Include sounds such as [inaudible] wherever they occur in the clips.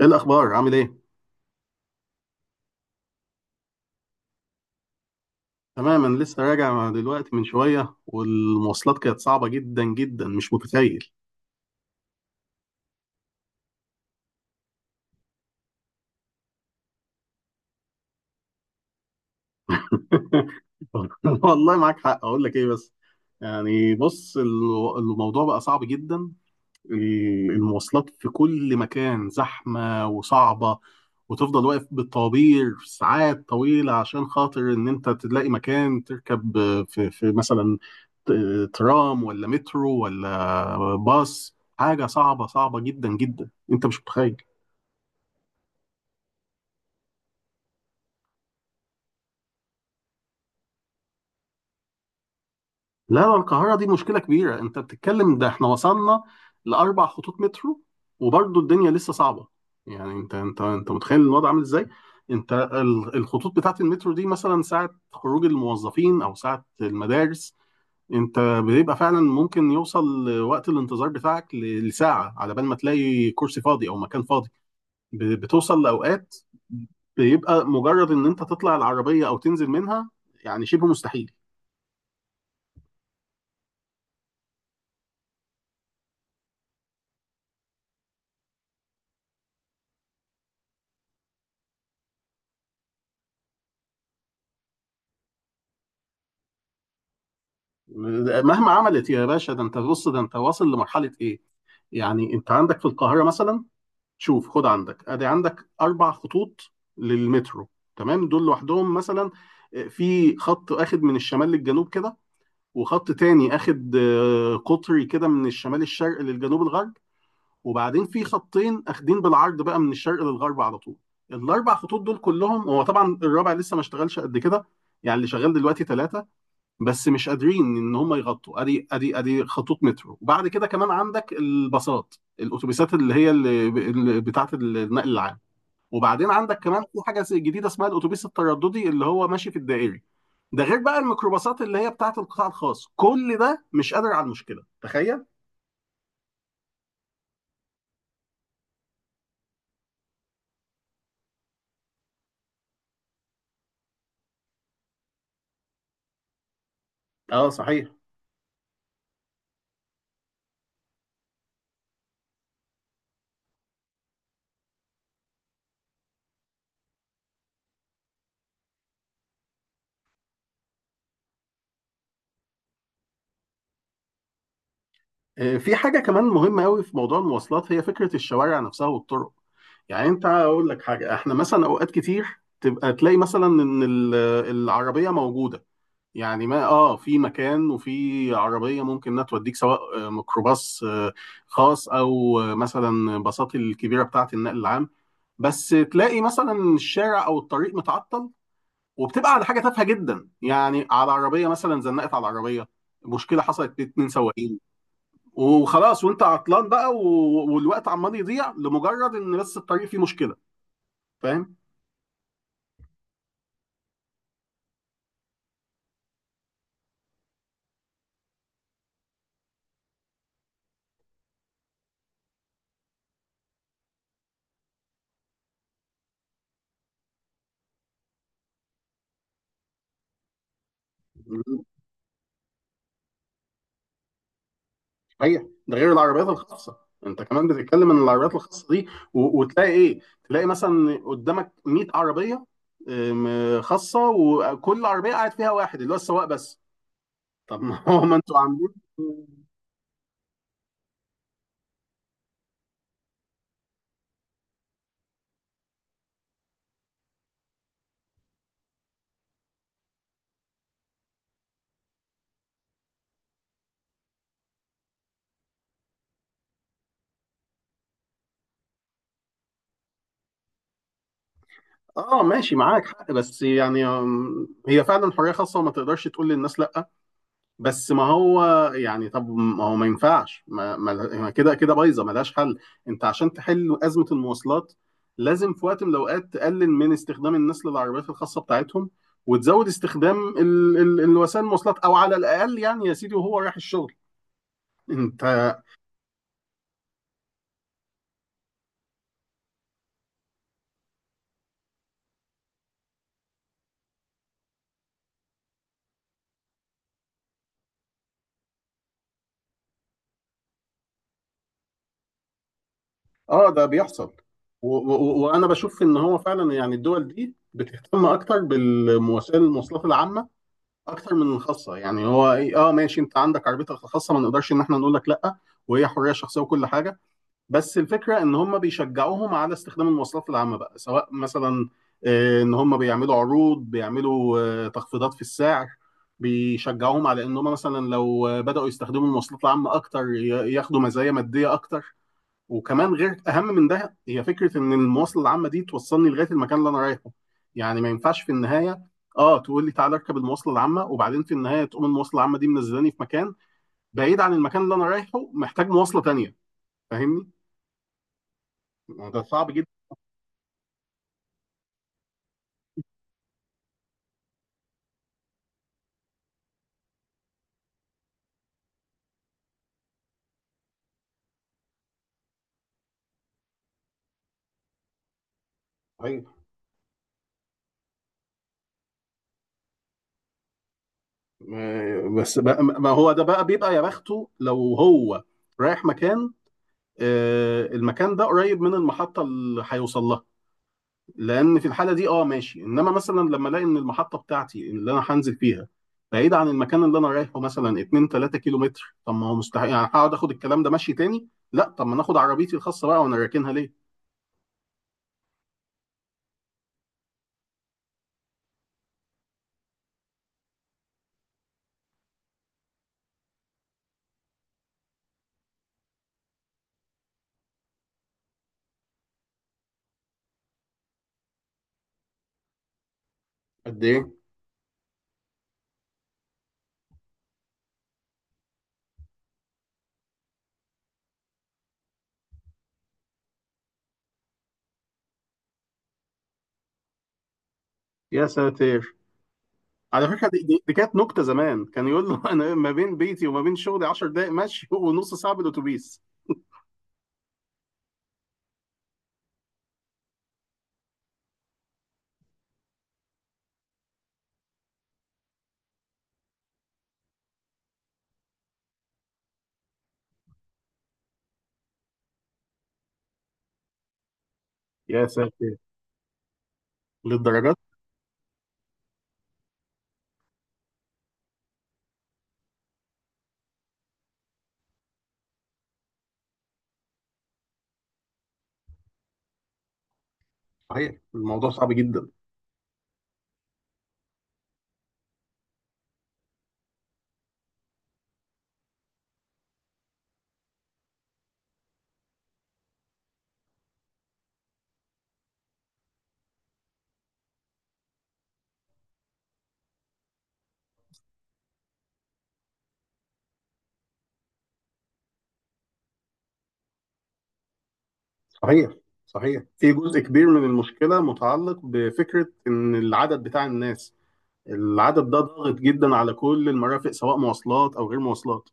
ايه الاخبار، عامل ايه؟ تمام، انا لسه راجع دلوقتي من شويه، والمواصلات كانت صعبه جدا جدا، مش متخيل. [laughs] والله معاك حق. اقول لك ايه بس، يعني بص، الموضوع بقى صعب جدا. المواصلات في كل مكان زحمة وصعبة، وتفضل واقف بالطوابير ساعات طويلة عشان خاطر إن أنت تلاقي مكان تركب في, في مثلا ت- ترام ولا مترو ولا باص. حاجة صعبة صعبة جدا جدا، أنت مش متخيل. لا، لا، القاهرة دي مشكلة كبيرة. انت بتتكلم، ده احنا وصلنا لأربع خطوط مترو، وبرضه الدنيا لسه صعبة. يعني انت متخيل الوضع عامل ازاي؟ انت الخطوط بتاعت المترو دي مثلا ساعة خروج الموظفين او ساعة المدارس، انت بيبقى فعلا ممكن يوصل وقت الانتظار بتاعك لساعة على بال ما تلاقي كرسي فاضي او مكان فاضي. بتوصل لأوقات بيبقى مجرد ان انت تطلع العربية او تنزل منها يعني شبه مستحيل. مهما عملت يا باشا، ده انت بص، ده انت واصل لمرحله ايه. يعني انت عندك في القاهره مثلا، شوف، خد عندك، ادي عندك اربع خطوط للمترو. تمام، دول لوحدهم مثلا. اه، في خط اخد من الشمال للجنوب كده، وخط تاني اخد قطري كده، من الشمال الشرق للجنوب الغرب. وبعدين في خطين اخدين بالعرض بقى من الشرق للغرب على طول. الاربع خطوط دول كلهم، هو طبعا الرابع لسه ما اشتغلش قد كده، يعني اللي شغال دلوقتي ثلاثه، بس مش قادرين ان هم يغطوا ادي خطوط مترو. وبعد كده كمان عندك الباصات الاتوبيسات اللي هي اللي بتاعه النقل العام. وبعدين عندك كمان في حاجه جديده اسمها الاتوبيس الترددي اللي هو ماشي في الدائري. ده غير بقى الميكروباصات اللي هي بتاعه القطاع الخاص. كل ده مش قادر على المشكله، تخيل. اه صحيح. في حاجه كمان مهمه قوي في موضوع المواصلات، هي فكره الشوارع نفسها والطرق. يعني انت اقول لك حاجه، احنا مثلا اوقات كتير تبقى تلاقي مثلا ان العربيه موجوده، يعني ما في مكان وفي عربيه ممكن انها توديك، سواء ميكروباص، خاص، او مثلا باصات الكبيره بتاعه النقل العام، بس تلاقي مثلا الشارع او الطريق متعطل وبتبقى على حاجه تافهه جدا، يعني على عربيه مثلا زنقت على العربيه، مشكله حصلت بين اتنين سواقين وخلاص، وانت عطلان بقى والوقت عمال يضيع لمجرد ان بس الطريق فيه مشكله، فاهم. صحيح، ده غير العربيات الخاصه. انت كمان بتتكلم ان العربيات الخاصه دي، وتلاقي ايه، تلاقي مثلا قدامك 100 عربيه خاصه، وكل عربيه قاعد فيها واحد اللي هو السواق بس. طب ما هو ما انتوا عاملين. اه ماشي، معاك حق، بس يعني هي فعلا حريه خاصه، وما تقدرش تقول للناس لا. بس ما هو، يعني طب ما هو ما ينفعش، ما كده كده بايظه ملهاش حل. انت عشان تحل ازمه المواصلات، لازم في وقت من الاوقات تقلل من استخدام الناس للعربيات الخاصه بتاعتهم، وتزود استخدام ال الوسائل المواصلات، او على الاقل يعني يا سيدي وهو رايح الشغل، انت. اه ده بيحصل. وانا بشوف ان هو فعلا يعني الدول دي بتهتم اكتر بالوسائل المواصلات العامه اكتر من الخاصه. يعني هو اه ماشي، انت عندك عربيتك الخاصه، ما نقدرش ان احنا نقول لك لا، وهي حريه شخصيه وكل حاجه. بس الفكره ان هم بيشجعوهم على استخدام المواصلات العامه بقى، سواء مثلا ان هم بيعملوا عروض، بيعملوا تخفيضات في السعر، بيشجعوهم على ان هم مثلا لو بداوا يستخدموا المواصلات العامه اكتر ياخدوا مزايا ماديه اكتر. وكمان غير، اهم من ده، هي فكره ان المواصله العامه دي توصلني لغايه المكان اللي انا رايحه. يعني ما ينفعش في النهايه اه تقول لي تعالى اركب المواصله العامه، وبعدين في النهايه تقوم المواصله العامه دي منزلاني في مكان بعيد عن المكان اللي انا رايحه، محتاج مواصله تانية، فاهمني. ده صعب جدا. صحيح. بس بقى، ما هو ده بقى بيبقى يا بخته لو هو رايح مكان، المكان ده قريب من المحطه اللي هيوصل لها، لان في الحاله دي اه ماشي. انما مثلا لما الاقي ان المحطه بتاعتي اللي انا هنزل فيها بعيده عن المكان اللي انا رايحه مثلا 2 3 كيلو متر، طب ما هو مستحيل، يعني هقعد اخد الكلام ده ماشي تاني، لا طب ما ناخد عربيتي الخاصه بقى، وانا راكنها ليه. قد ايه. يا ساتر. على فكره، دي كانت نكته زمان، كان يقول له [laughs] انا ما بين بيتي وما بين شغلي 10 دقائق مشي [laughs] ونص ساعه بالاتوبيس. يا ساتر، للدرجات. صحيح، الموضوع صعب جدا. صحيح، صحيح، في جزء كبير من المشكله متعلق بفكره ان العدد بتاع الناس، العدد ده ضاغط جدا على كل المرافق، سواء مواصلات او غير مواصلات.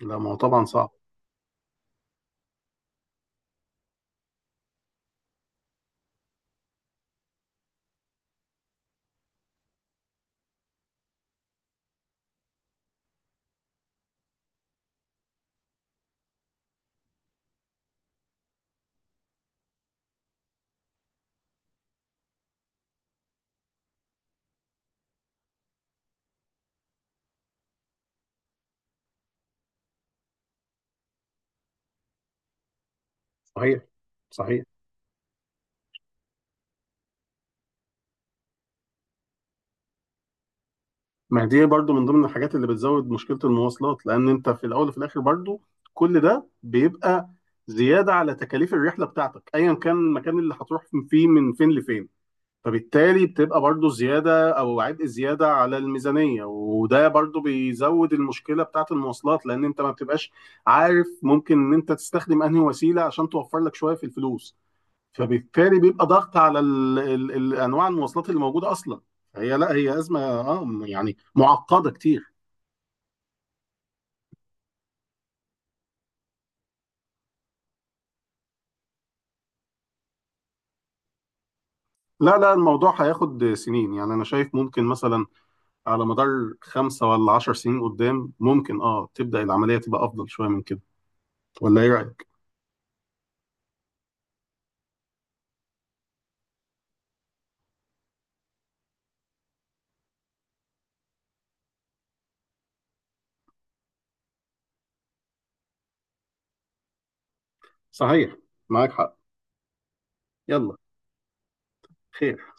لا ما هو طبعا صعب. صحيح، صحيح. ما دي برضو من ضمن الحاجات اللي بتزود مشكلة المواصلات، لان انت في الاول وفي الاخر برضو كل ده بيبقى زيادة على تكاليف الرحلة بتاعتك ايا كان المكان اللي هتروح فيه من فين لفين، فبالتالي بتبقى برضو زيادة او عبء زيادة على الميزانية. وده برضو بيزود المشكلة بتاعت المواصلات، لان انت ما بتبقاش عارف ممكن ان انت تستخدم انهي وسيلة عشان توفر لك شوية في الفلوس، فبالتالي بيبقى ضغط على ال انواع المواصلات اللي موجوده اصلا. هي، لا، هي ازمه، يعني معقده كتير. لا، لا، الموضوع هياخد سنين، يعني انا شايف ممكن مثلا على مدار 5 ولا 10 سنين قدام ممكن تبدا العمليه تبقى افضل شويه من كده، ولا ايه رايك؟ صحيح، معاك حق. يلا. خير.